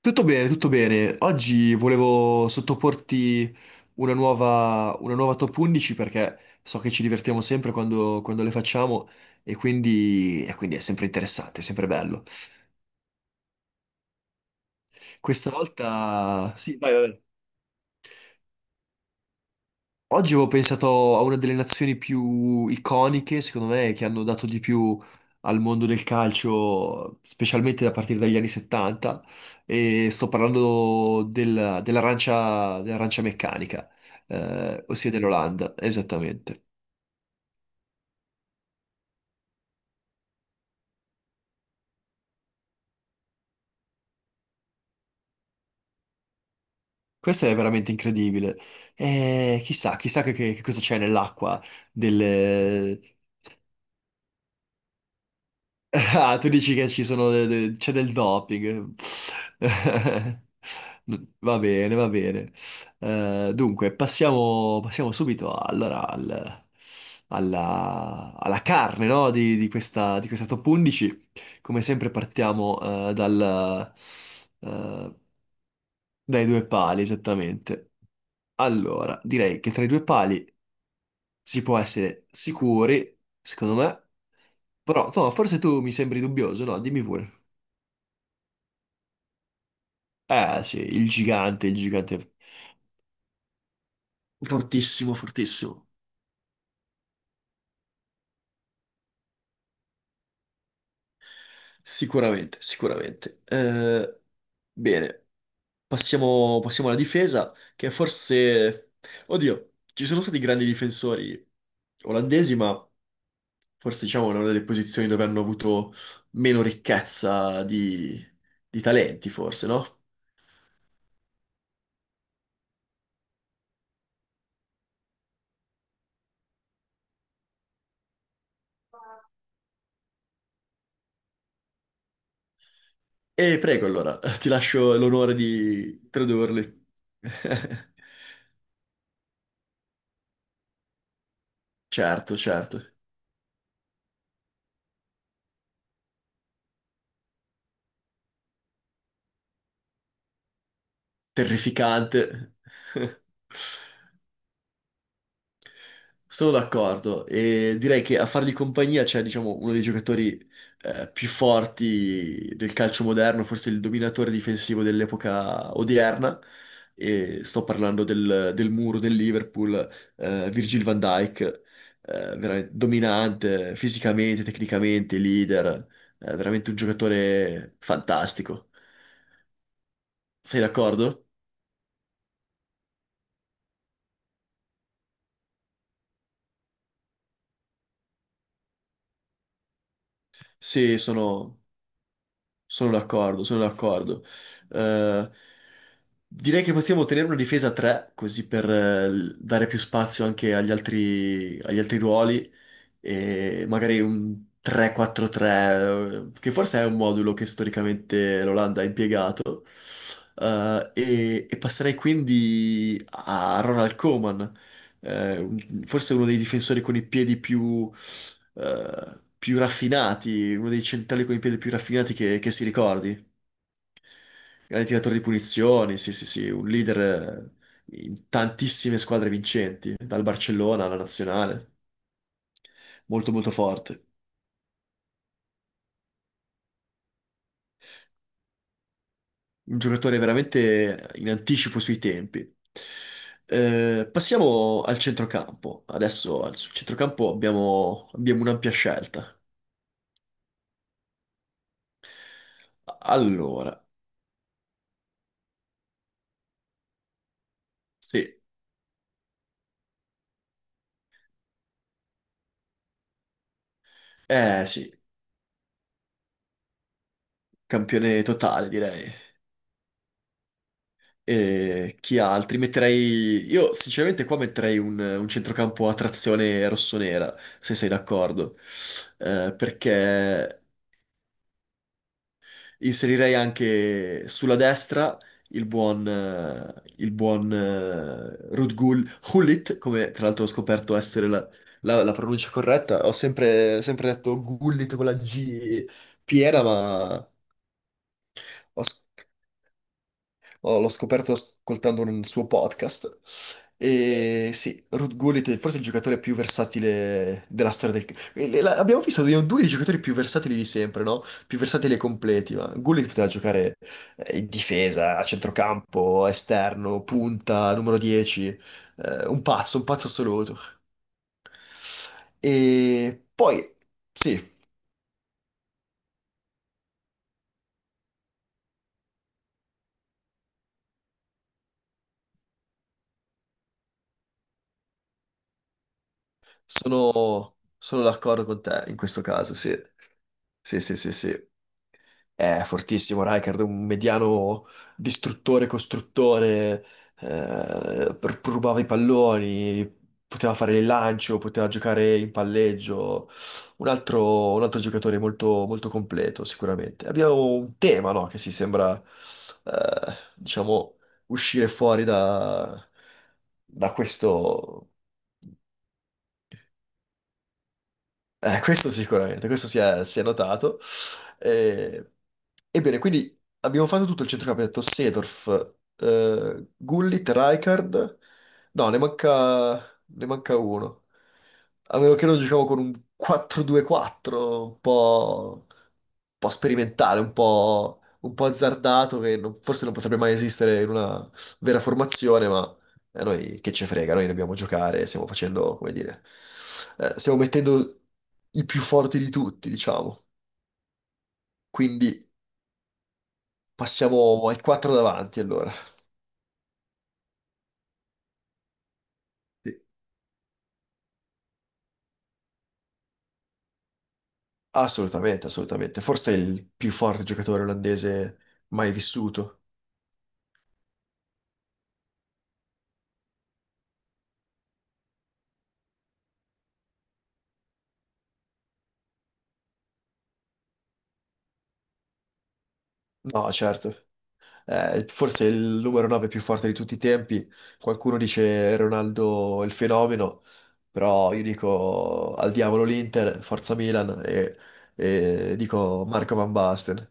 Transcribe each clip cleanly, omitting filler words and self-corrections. Tutto bene, tutto bene. Oggi volevo sottoporti una nuova top 11 perché so che ci divertiamo sempre quando le facciamo e quindi è sempre interessante, è sempre bello. Questa volta... Sì, vai, vai. Oggi avevo pensato a una delle nazioni più iconiche, secondo me, che hanno dato di più al mondo del calcio, specialmente a partire dagli anni 70, e sto parlando dell'arancia meccanica, ossia dell'Olanda, esattamente. Questo è veramente incredibile. E chissà, chissà che cosa c'è nell'acqua. Ah, tu dici che ci sono c'è del doping. Va bene, va bene. Dunque, passiamo subito allora alla carne, no, di questa top 11. Come sempre partiamo eh, dai due pali, esattamente. Allora, direi che tra i due pali si può essere sicuri, secondo me. Però, no, forse tu mi sembri dubbioso, no? Dimmi pure. Eh sì, il gigante, il gigante. Fortissimo, fortissimo. Sicuramente, sicuramente. Bene, passiamo alla difesa, che forse... Oddio, ci sono stati grandi difensori olandesi, ma forse diciamo è una delle posizioni dove hanno avuto meno ricchezza di talenti, forse, no? E prego allora, ti lascio l'onore di tradurli. Certo, certo. Terrificante. Sono d'accordo e direi che a fargli compagnia c'è, diciamo, uno dei giocatori più forti del calcio moderno, forse il dominatore difensivo dell'epoca odierna. E sto parlando del muro del Liverpool, Virgil van Dijk, veramente dominante fisicamente, tecnicamente, leader, veramente un giocatore fantastico. Sei d'accordo? Sì, sono d'accordo, sono d'accordo. Eh, Direi che possiamo tenere una difesa a 3, così per dare più spazio anche agli altri ruoli e magari un 3-4-3, che forse è un modulo che storicamente l'Olanda ha impiegato, e passerei quindi a Ronald Koeman, forse uno dei difensori con i piedi più, più raffinati, uno dei centrali con i piedi più raffinati che si ricordi. Grande tiratore di punizioni, sì, sì, sì, un leader in tantissime squadre vincenti, dal Barcellona alla nazionale, molto molto forte. Un giocatore veramente in anticipo sui tempi. Passiamo al centrocampo. Adesso sul centrocampo abbiamo un'ampia scelta. Allora, sì, eh sì, campione totale direi. E chi altri? Metterei. Io sinceramente qua metterei un centrocampo a trazione rossonera, se sei d'accordo. Perché inserirei anche sulla destra il buon Rudgul Hullit, come tra l'altro ho scoperto essere la pronuncia corretta. Ho sempre, sempre detto Gullit con la G piena, ho, Oh, l'ho scoperto ascoltando un suo podcast. E sì, Ruud Gullit è forse il giocatore più versatile della storia del... Abbiamo visto due dei giocatori più versatili di sempre, no? Più versatili e completi, ma Gullit poteva giocare in difesa, a centrocampo, esterno, punta, numero 10. Un pazzo, un pazzo assoluto. E poi, sì, sono d'accordo con te in questo caso, sì. Sì, sì, sì, sì. È fortissimo Rijkaard, un mediano distruttore, costruttore, rubava i palloni, poteva fare il lancio, poteva giocare in palleggio, un altro giocatore molto, molto completo sicuramente. Abbiamo un tema, no, che si sembra, diciamo, uscire fuori da questo... Questo sicuramente, questo si è notato. Eh, Ebbene, quindi abbiamo fatto tutto il centrocampo, abbiamo detto Seedorf, Gullit, Rijkaard. No, ne manca uno. A meno che non giochiamo con un 4-2-4, un po' sperimentale, un po' azzardato, che forse non potrebbe mai esistere in una vera formazione, ma a noi che ci frega, noi dobbiamo giocare, stiamo facendo, come dire, stiamo mettendo i più forti di tutti, diciamo. Quindi passiamo ai quattro davanti, allora. Sì. Assolutamente, assolutamente. Forse è il più forte giocatore olandese mai vissuto. No, certo. Forse il numero 9 più forte di tutti i tempi. Qualcuno dice Ronaldo è il fenomeno, però io dico al diavolo l'Inter, forza Milan e dico Marco Van Basten.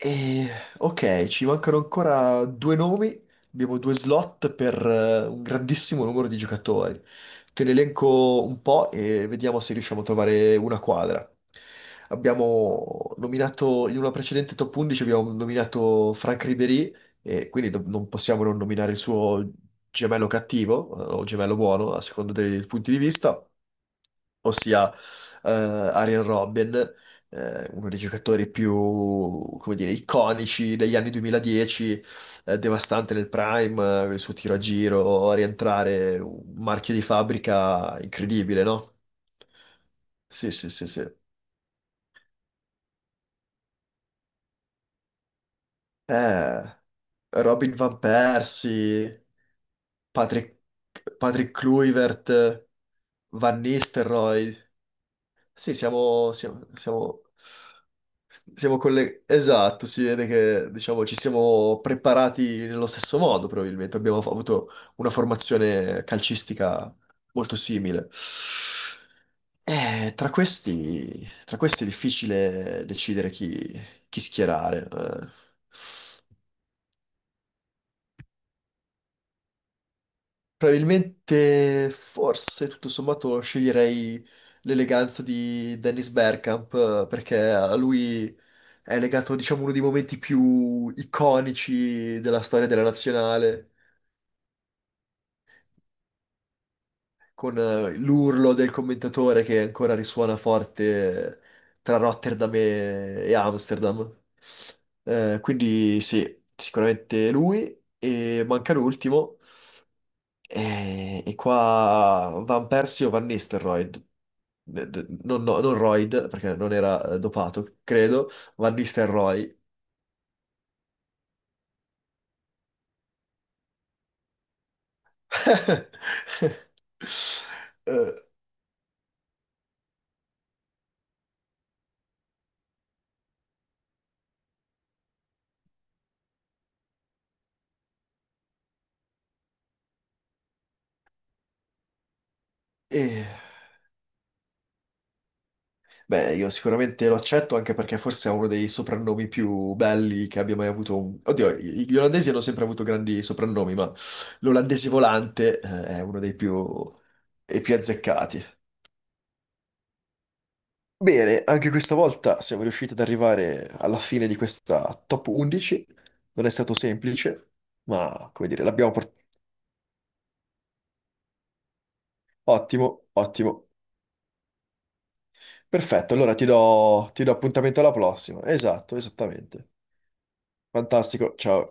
E, ok, ci mancano ancora due nomi, abbiamo due slot per un grandissimo numero di giocatori. Te ne elenco un po' e vediamo se riusciamo a trovare una quadra. Abbiamo nominato, in una precedente top 11 abbiamo nominato Franck Ribéry e quindi non possiamo non nominare il suo gemello cattivo o gemello buono, a seconda dei punti di vista, ossia Arjen Robben, uno dei giocatori più, come dire, iconici degli anni 2010, devastante nel prime, il suo tiro a giro, a rientrare, un marchio di fabbrica incredibile, no? Sì, sì, sì, sì. Eh, Robin Van Persie, Patrick, Patrick Kluivert, Van Nistelrooy. Sì, esatto, si vede che diciamo, ci siamo preparati nello stesso modo, probabilmente. Abbiamo avuto una formazione calcistica molto simile. Tra questi è difficile decidere chi schierare. Probabilmente, forse tutto sommato sceglierei l'eleganza di Dennis Bergkamp perché a lui è legato, diciamo, uno dei momenti più iconici della storia della nazionale, con l'urlo del commentatore che ancora risuona forte tra Rotterdam e Amsterdam. Quindi sì, sicuramente lui e manca l'ultimo. Qua Van Persie o Van Nistelrooy? Non, no, non Royd, perché non era dopato, credo. Van Nistelrooy. Eh, e- Beh, io sicuramente lo accetto anche perché forse è uno dei soprannomi più belli che abbia mai avuto. Oddio, gli olandesi hanno sempre avuto grandi soprannomi, ma l'olandese volante, è uno dei più azzeccati. Bene, anche questa volta siamo riusciti ad arrivare alla fine di questa top 11. Non è stato semplice, ma come dire, l'abbiamo portata. Ottimo, ottimo. Perfetto, allora ti do appuntamento alla prossima. Esatto, esattamente. Fantastico, ciao.